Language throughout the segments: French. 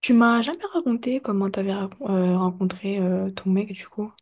Tu m'as jamais raconté comment rencontré ton mec du coup.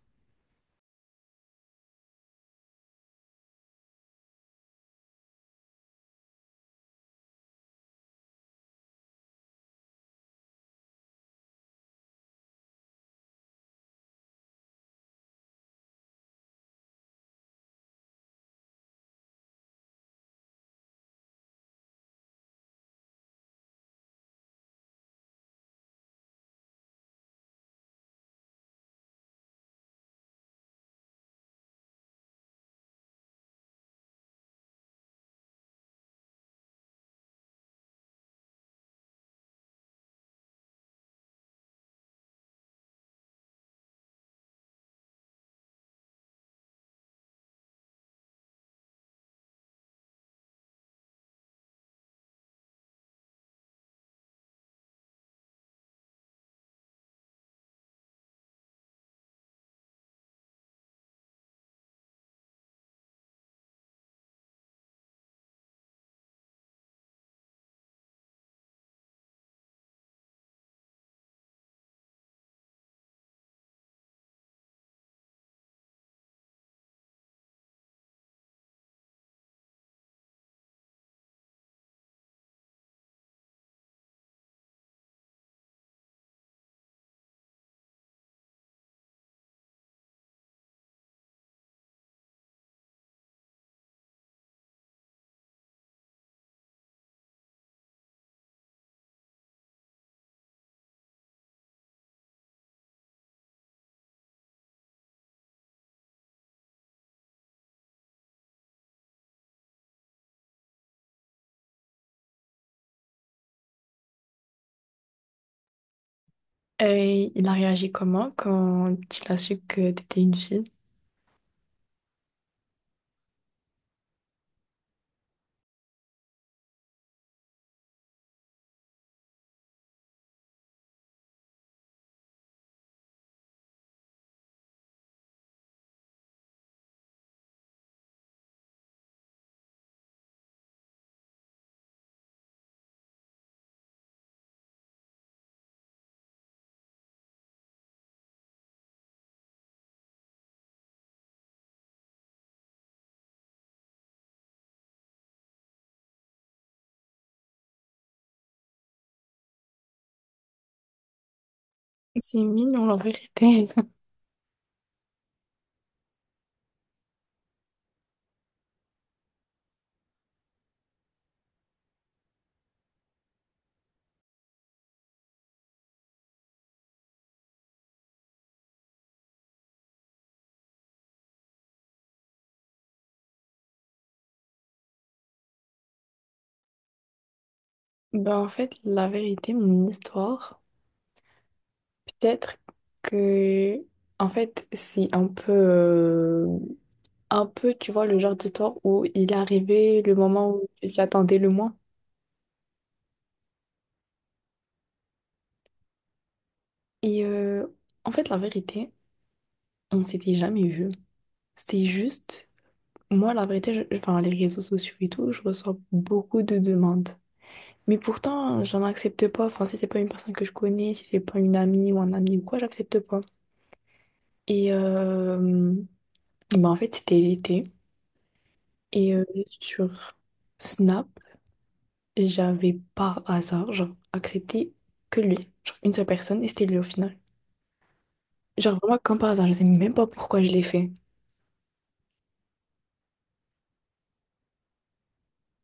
Et il a réagi comment quand il a su que t'étais une fille? C'est mignon la vérité. La vérité, mon histoire, peut-être que en fait, c'est un peu, tu vois, le genre d'histoire où il est arrivé le moment où j'attendais le moins. Et euh, En fait, la vérité, on s'était jamais vu. C'est juste. Moi, la vérité, enfin, les réseaux sociaux et tout, je reçois beaucoup de demandes. Mais pourtant, j'en accepte pas. Enfin, si c'est pas une personne que je connais, si c'est pas une amie ou un ami ou quoi, j'accepte pas. Et euh, ben, en fait, c'était l'été. Et euh, Sur Snap, j'avais par hasard, genre, accepté que lui. Genre, une seule personne, et c'était lui au final. Genre, vraiment, comme par hasard, je sais même pas pourquoi je l'ai fait.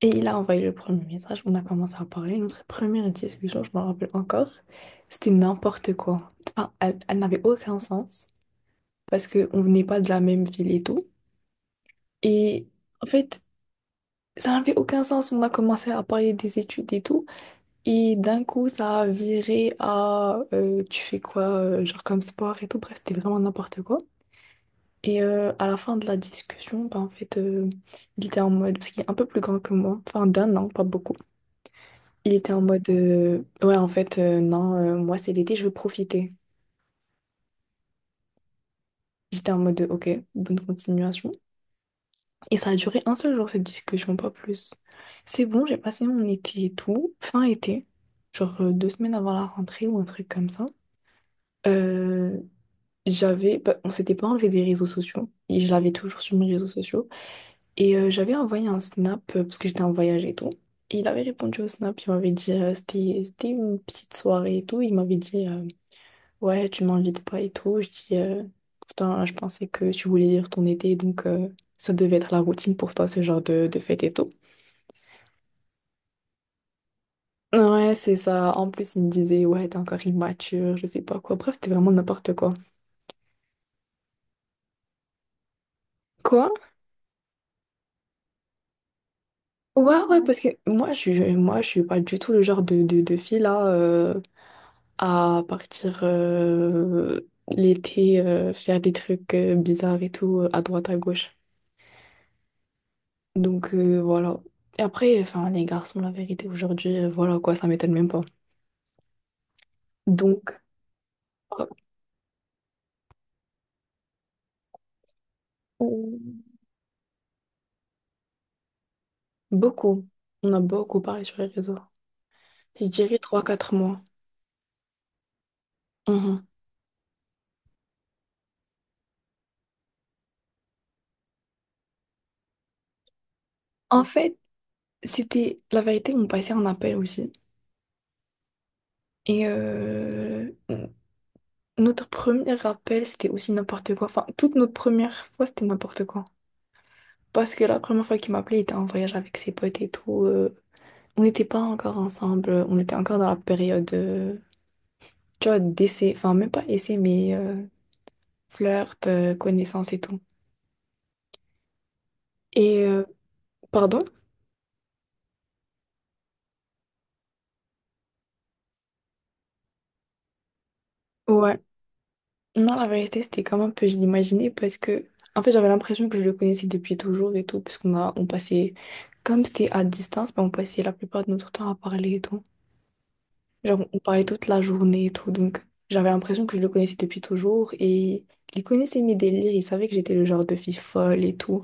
Et il a envoyé le premier message, on a commencé à parler. Notre première discussion, je m'en rappelle encore, c'était n'importe quoi. Enfin, elle, elle n'avait aucun sens parce qu'on venait pas de la même ville et tout. Et en fait, ça n'avait aucun sens. On a commencé à parler des études et tout. Et d'un coup, ça a viré à tu fais quoi, genre comme sport et tout. Bref, c'était vraiment n'importe quoi. Et à la fin de la discussion, bah, en fait, il était en mode, parce qu'il est un peu plus grand que moi, enfin d'un an, pas beaucoup. Il était en mode ouais en fait, non, moi c'est l'été je veux profiter. J'étais en mode ok, bonne continuation, et ça a duré un seul jour cette discussion, pas plus. C'est bon, j'ai passé mon été et tout, fin été, genre 2 semaines avant la rentrée ou un truc comme ça. Euh, J'avais bah, on s'était pas enlevé des réseaux sociaux et je l'avais toujours sur mes réseaux sociaux et j'avais envoyé un snap parce que j'étais en voyage et tout. Et il avait répondu au snap, il m'avait dit c'était une petite soirée et tout, il m'avait dit ouais, tu m'invites pas et tout. Je dis, pourtant, je pensais que tu voulais vivre ton été, donc ça devait être la routine pour toi, ce genre de fête et tout. Ouais, c'est ça. En plus, il me disait, ouais, t'es encore immature, je sais pas quoi. Bref, c'était vraiment n'importe quoi. Quoi? Ouais, ouais, parce que moi, moi, je suis pas du tout le genre de fille là à partir l'été, faire des trucs bizarres et tout, à droite, à gauche. Donc voilà. Et après, enfin, les garçons, la vérité, aujourd'hui, voilà quoi, ça m'étonne même pas. Donc, euh, beaucoup. On a beaucoup parlé sur les réseaux. Je dirais 3 4 mois. Mhm. En fait, c'était la vérité, on passait un appel aussi. Et notre premier appel, c'était aussi n'importe quoi. Enfin, toute notre première fois, c'était n'importe quoi. Parce que la première fois qu'il m'appelait, il était en voyage avec ses potes et tout. On n'était pas encore ensemble, on était encore dans la période. Tu vois, d'essai, enfin même pas essai, mais flirt, connaissance et tout. Et euh, Pardon? Ouais. Non, la vérité, c'était comme un peu, je l'imaginais, parce que, en fait, j'avais l'impression que je le connaissais depuis toujours et tout, parce qu'on a, on passait, comme c'était à distance, ben, on passait la plupart de notre temps à parler et tout. Genre, on parlait toute la journée et tout, donc j'avais l'impression que je le connaissais depuis toujours, et il connaissait mes délires, il savait que j'étais le genre de fille folle et tout,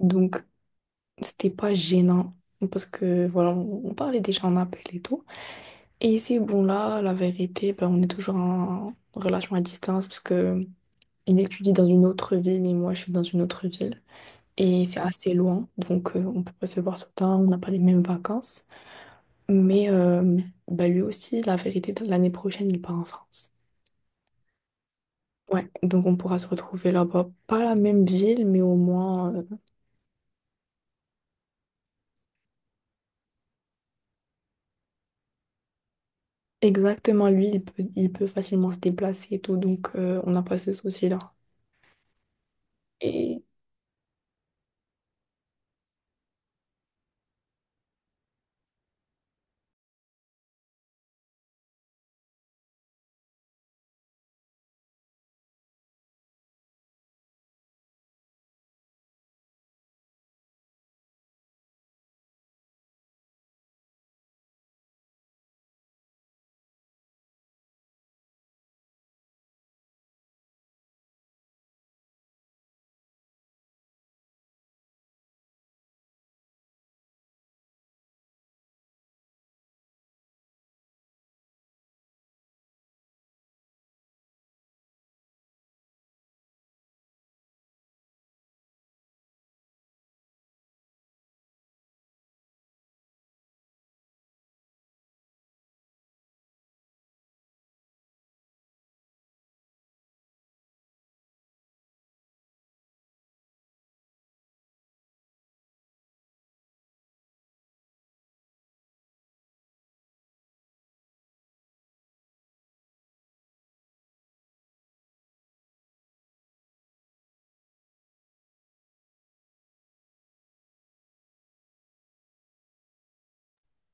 donc c'était pas gênant, parce que, voilà, on parlait déjà en appel et tout. Et c'est bon là, la vérité, ben, on est toujours en relation à distance parce que il étudie dans une autre ville et moi je suis dans une autre ville. Et c'est assez loin, donc on peut pas se voir tout le temps, on n'a pas les mêmes vacances. Mais ben, lui aussi, la vérité, l'année prochaine, il part en France. Ouais, donc on pourra se retrouver là-bas. Pas la même ville, mais au moins exactement, lui, il peut facilement se déplacer et tout, donc on n'a pas ce souci-là. Et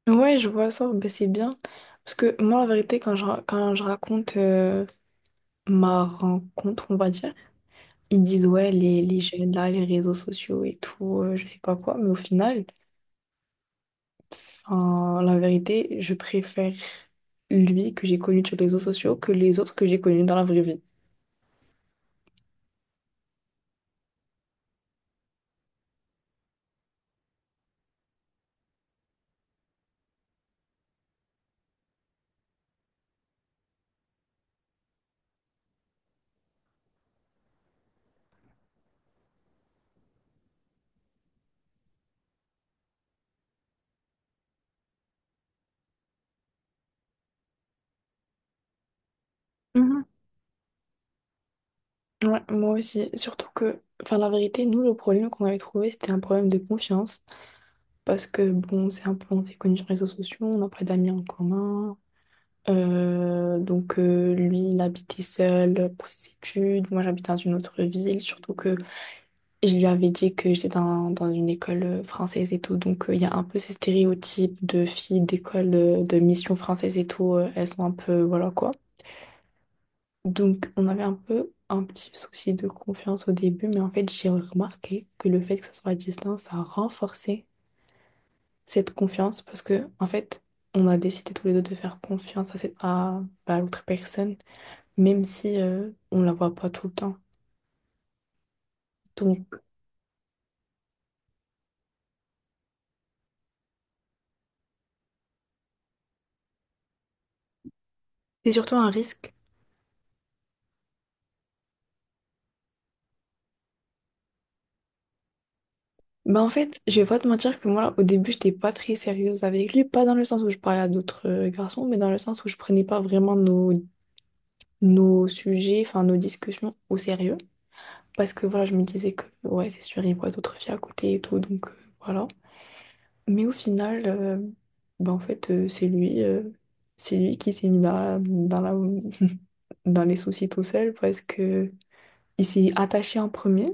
ouais, je vois ça, ben, c'est bien. Parce que moi, en vérité, quand je, quand je raconte ma rencontre, on va dire, ils disent, ouais, les jeunes, là, les réseaux sociaux et tout, je sais pas quoi. Mais au final, enfin, la vérité, je préfère lui que j'ai connu sur les réseaux sociaux que les autres que j'ai connus dans la vraie vie. Mhm. Ouais, moi aussi. Surtout que, enfin, la vérité, nous, le problème qu'on avait trouvé, c'était un problème de confiance. Parce que, bon, c'est un peu, on s'est connus sur les réseaux sociaux, on n'a pas d'amis en commun. Donc lui, il habitait seul pour ses études. Moi, j'habite dans une autre ville, surtout que je lui avais dit que j'étais dans, dans une école française et tout. Donc il y a un peu ces stéréotypes de filles d'école de, mission française et tout. Elles sont un peu, voilà quoi. Donc on avait un peu un petit souci de confiance au début, mais en fait, j'ai remarqué que le fait que ça soit à distance, ça a renforcé cette confiance parce que en fait, on a décidé tous les deux de faire confiance à, cette, à bah, à l'autre personne, même si on la voit pas tout le temps. Donc, c'est surtout un risque. Bah en fait, je vais pas te mentir que moi, au début, j'étais pas très sérieuse avec lui, pas dans le sens où je parlais à d'autres garçons, mais dans le sens où je prenais pas vraiment nos, nos sujets, enfin nos discussions au sérieux. Parce que voilà, je me disais que ouais, c'est sûr, il voit d'autres filles à côté et tout, donc voilà. Mais au final, bah en fait, c'est lui qui s'est mis dans la, dans les soucis tout seul parce que il s'est attaché en premier.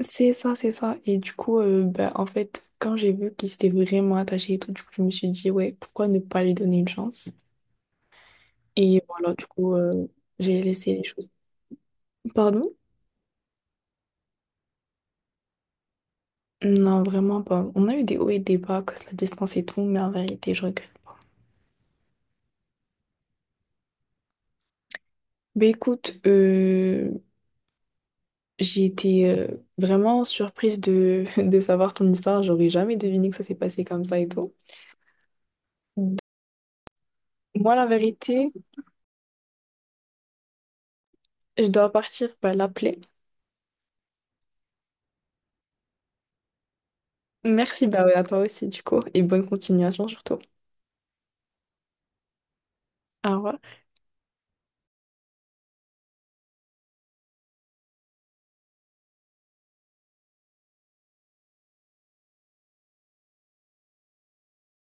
C'est ça, c'est ça. Et du coup, bah, en fait, quand j'ai vu qu'il s'était vraiment attaché et tout, du coup, je me suis dit, ouais, pourquoi ne pas lui donner une chance? Et voilà, du coup, j'ai laissé les choses. Pardon? Non, vraiment pas. On a eu des hauts et des bas, cause la distance et tout, mais en vérité, je regrette pas. Mais écoute, j'ai été vraiment surprise de, de savoir ton histoire. J'aurais jamais deviné que ça s'est passé comme ça et tout. Moi, la vérité, je dois partir bah, l'appeler. Merci, bah ouais, à toi aussi, du coup, et bonne continuation surtout. Au revoir.